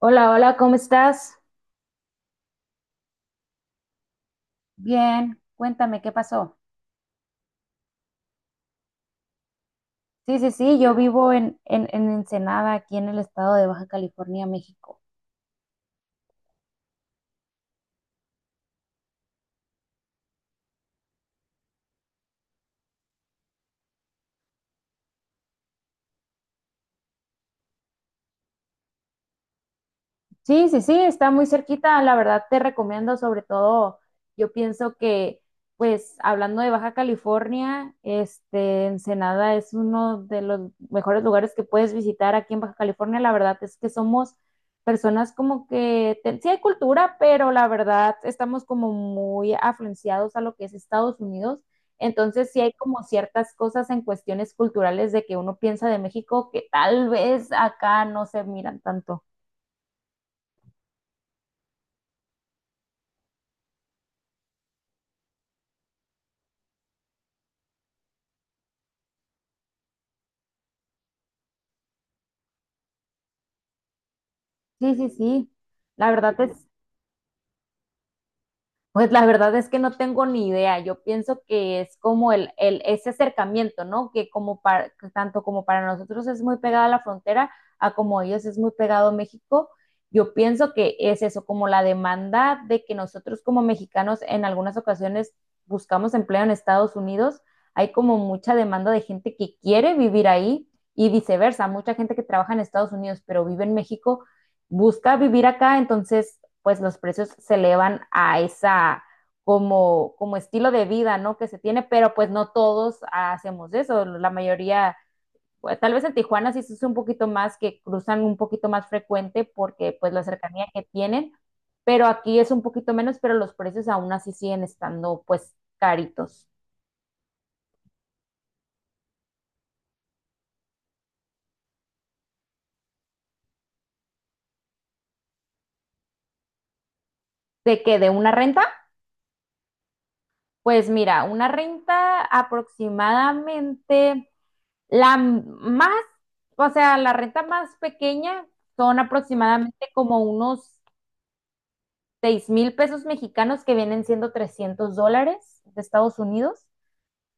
Hola, hola, ¿cómo estás? Bien, cuéntame qué pasó. Sí, sí, sí, yo vivo en Ensenada, aquí en el estado de Baja California, México. Sí, sí, sí, está muy cerquita. La verdad te recomiendo, sobre todo, yo pienso que, pues, hablando de Baja California, Ensenada es uno de los mejores lugares que puedes visitar aquí en Baja California. La verdad es que somos personas como que, sí hay cultura, pero la verdad estamos como muy afluenciados a lo que es Estados Unidos. Entonces, sí hay como ciertas cosas en cuestiones culturales de que uno piensa de México que tal vez acá no se miran tanto. Sí, sí, sí. La verdad es, pues la verdad es que no tengo ni idea. Yo pienso que es como el ese acercamiento, ¿no? Que como para, que tanto como para nosotros es muy pegada la frontera, a como ellos es muy pegado México. Yo pienso que es eso, como la demanda de que nosotros como mexicanos en algunas ocasiones buscamos empleo en Estados Unidos. Hay como mucha demanda de gente que quiere vivir ahí y viceversa. Mucha gente que trabaja en Estados Unidos pero vive en México busca vivir acá, entonces pues los precios se elevan a esa como, como estilo de vida, ¿no? Que se tiene, pero pues no todos hacemos eso, la mayoría, pues, tal vez en Tijuana sí es un poquito más, que cruzan un poquito más frecuente porque pues la cercanía que tienen, pero aquí es un poquito menos, pero los precios aún así siguen estando pues caritos. ¿De qué? ¿De una renta? Pues mira, una renta aproximadamente. La más, o sea, la renta más pequeña son aproximadamente como unos 6.000 pesos mexicanos que vienen siendo 300 dólares de Estados Unidos.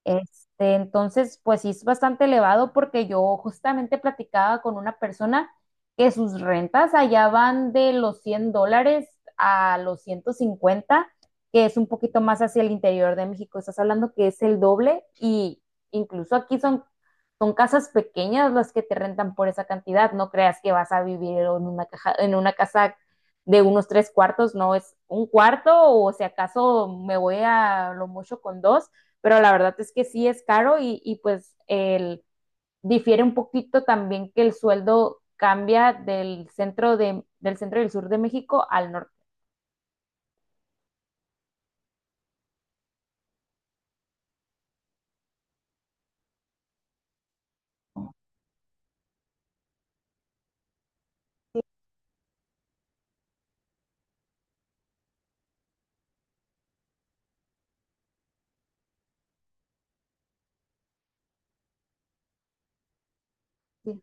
Este, entonces, pues sí es bastante elevado porque yo justamente platicaba con una persona que sus rentas allá van de los 100 dólares a los 150, que es un poquito más hacia el interior de México. Estás hablando que es el doble y incluso aquí son casas pequeñas las que te rentan por esa cantidad. No creas que vas a vivir en una, caja, en una casa de unos tres cuartos, no es un cuarto o si acaso me voy a lo mucho con dos, pero la verdad es que sí es caro y pues el, difiere un poquito también que el sueldo cambia del centro, del centro y del sur de México al norte. Sí.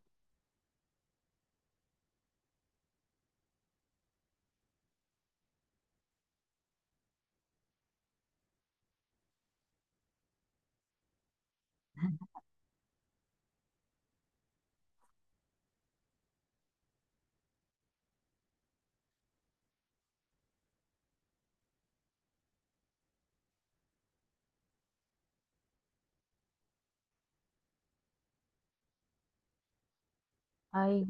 Ay,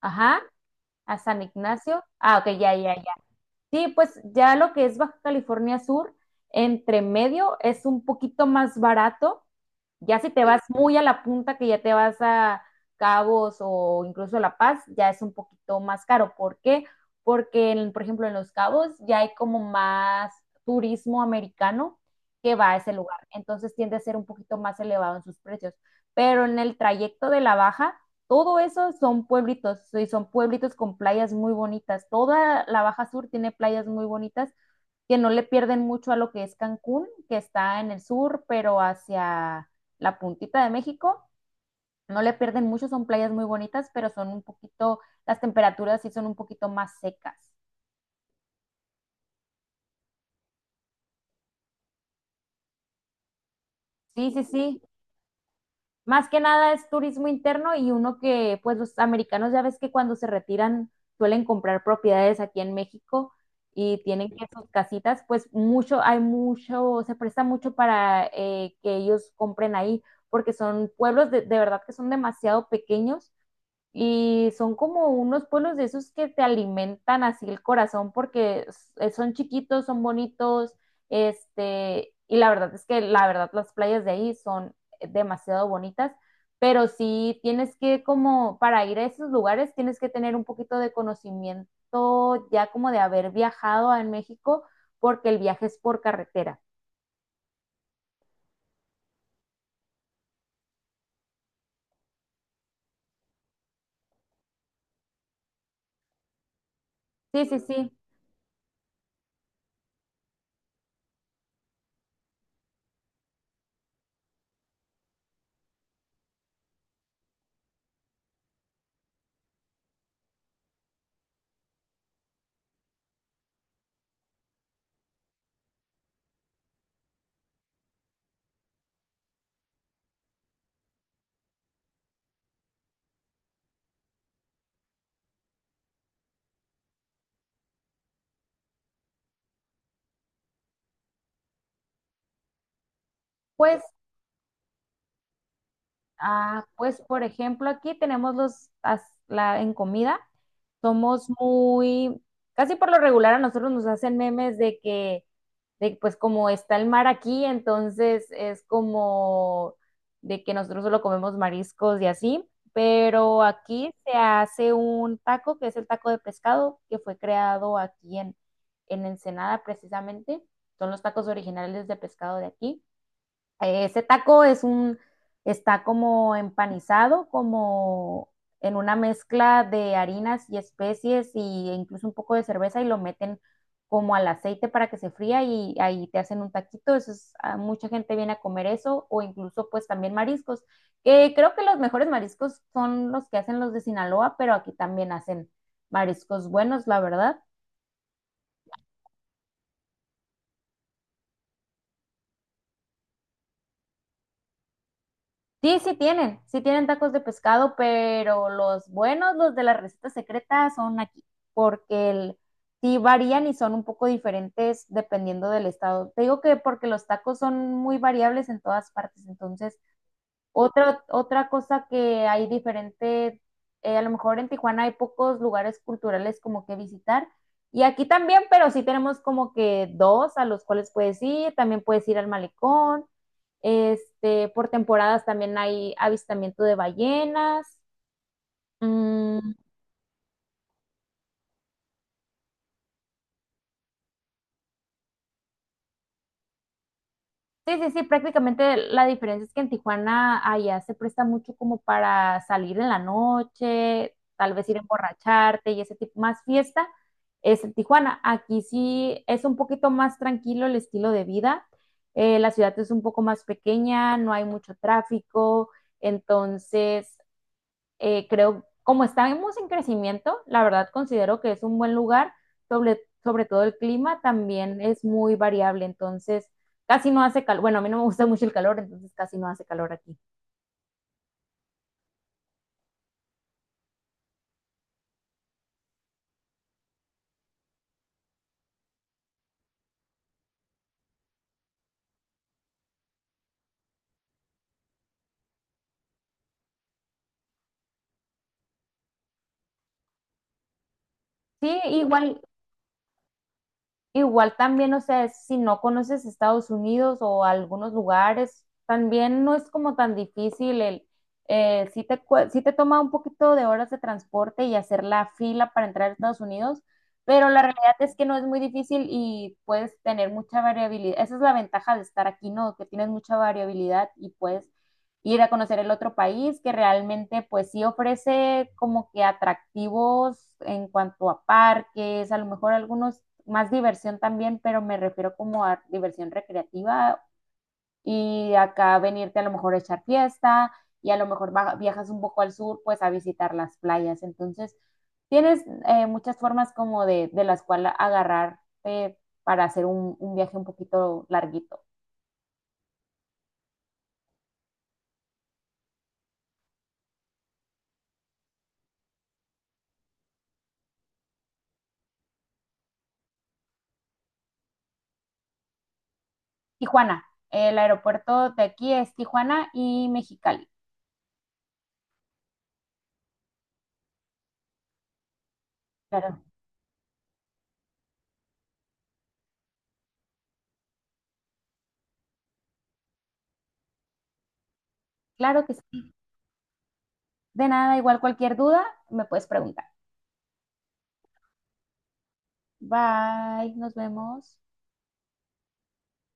ajá, a San Ignacio. Ah, ok, ya, ya, ya. Sí, pues ya lo que es Baja California Sur, entre medio es un poquito más barato. Ya si te vas muy a la punta, que ya te vas a Cabos o incluso La Paz, ya es un poquito más caro. ¿Por qué? Porque, por ejemplo, en Los Cabos ya hay como más turismo americano que va a ese lugar. Entonces tiende a ser un poquito más elevado en sus precios. Pero en el trayecto de la Baja todo eso son pueblitos, y son pueblitos con playas muy bonitas. Toda la Baja Sur tiene playas muy bonitas que no le pierden mucho a lo que es Cancún, que está en el sur, pero hacia la puntita de México. No le pierden mucho, son playas muy bonitas, pero son un poquito, las temperaturas sí son un poquito más secas. Sí, sí, sí. Más que nada es turismo interno y uno que, pues los americanos ya ves que cuando se retiran suelen comprar propiedades aquí en México y tienen que sus casitas, pues mucho, hay mucho, se presta mucho para que ellos compren ahí, porque son pueblos de verdad que son demasiado pequeños y son como unos pueblos de esos que te alimentan así el corazón porque son chiquitos, son bonitos, y la verdad es que la verdad las playas de ahí son demasiado bonitas, pero sí tienes que como para ir a esos lugares tienes que tener un poquito de conocimiento ya como de haber viajado a México porque el viaje es por carretera. Sí, sí, sí. Pues ah, pues por ejemplo, aquí tenemos los, la, en comida, somos muy, casi por lo regular a nosotros nos hacen memes de que, de pues como está el mar aquí, entonces es como de que nosotros solo comemos mariscos y así, pero aquí se hace un taco que es el taco de pescado que fue creado aquí en Ensenada precisamente, son los tacos originales de pescado de aquí. Ese taco es un, está como empanizado, como en una mezcla de harinas y especies e incluso un poco de cerveza y lo meten como al aceite para que se fría y ahí te hacen un taquito. Eso es, a mucha gente viene a comer eso o incluso pues también mariscos, que creo que los mejores mariscos son los que hacen los de Sinaloa, pero aquí también hacen mariscos buenos, la verdad. Sí, sí tienen tacos de pescado, pero los buenos, los de la receta secreta, son aquí, porque el, sí varían y son un poco diferentes dependiendo del estado. Te digo que porque los tacos son muy variables en todas partes, entonces otra cosa que hay diferente, a lo mejor en Tijuana hay pocos lugares culturales como que visitar. Y aquí también, pero sí tenemos como que dos a los cuales puedes ir. También puedes ir al malecón. Por temporadas también hay avistamiento de ballenas. mm, Sí, sí, sí, prácticamente la diferencia es que en Tijuana allá se presta mucho como para salir en la noche, tal vez ir a emborracharte y ese tipo, más fiesta es en Tijuana. Aquí sí es un poquito más tranquilo el estilo de vida. La ciudad es un poco más pequeña, no hay mucho tráfico, entonces creo, como estamos en crecimiento, la verdad considero que es un buen lugar, sobre, sobre todo el clima también es muy variable, entonces casi no hace calor, bueno, a mí no me gusta mucho el calor, entonces casi no hace calor aquí. Sí, igual, igual también, o sea, si no conoces Estados Unidos o algunos lugares, también no es como tan difícil el, sí te, sí te toma un poquito de horas de transporte y hacer la fila para entrar a Estados Unidos, pero la realidad es que no es muy difícil y puedes tener mucha variabilidad. Esa es la ventaja de estar aquí, ¿no? Que tienes mucha variabilidad y puedes ir a conocer el otro país que realmente pues sí ofrece como que atractivos en cuanto a parques, a lo mejor algunos más diversión también, pero me refiero como a diversión recreativa y acá venirte a lo mejor a echar fiesta y a lo mejor viajas un poco al sur pues a visitar las playas. Entonces, tienes muchas formas como de las cuales agarrarte para hacer un viaje un poquito larguito. Tijuana, el aeropuerto de aquí es Tijuana y Mexicali. Claro, claro que sí. De nada, igual cualquier duda me puedes preguntar. Bye, nos vemos.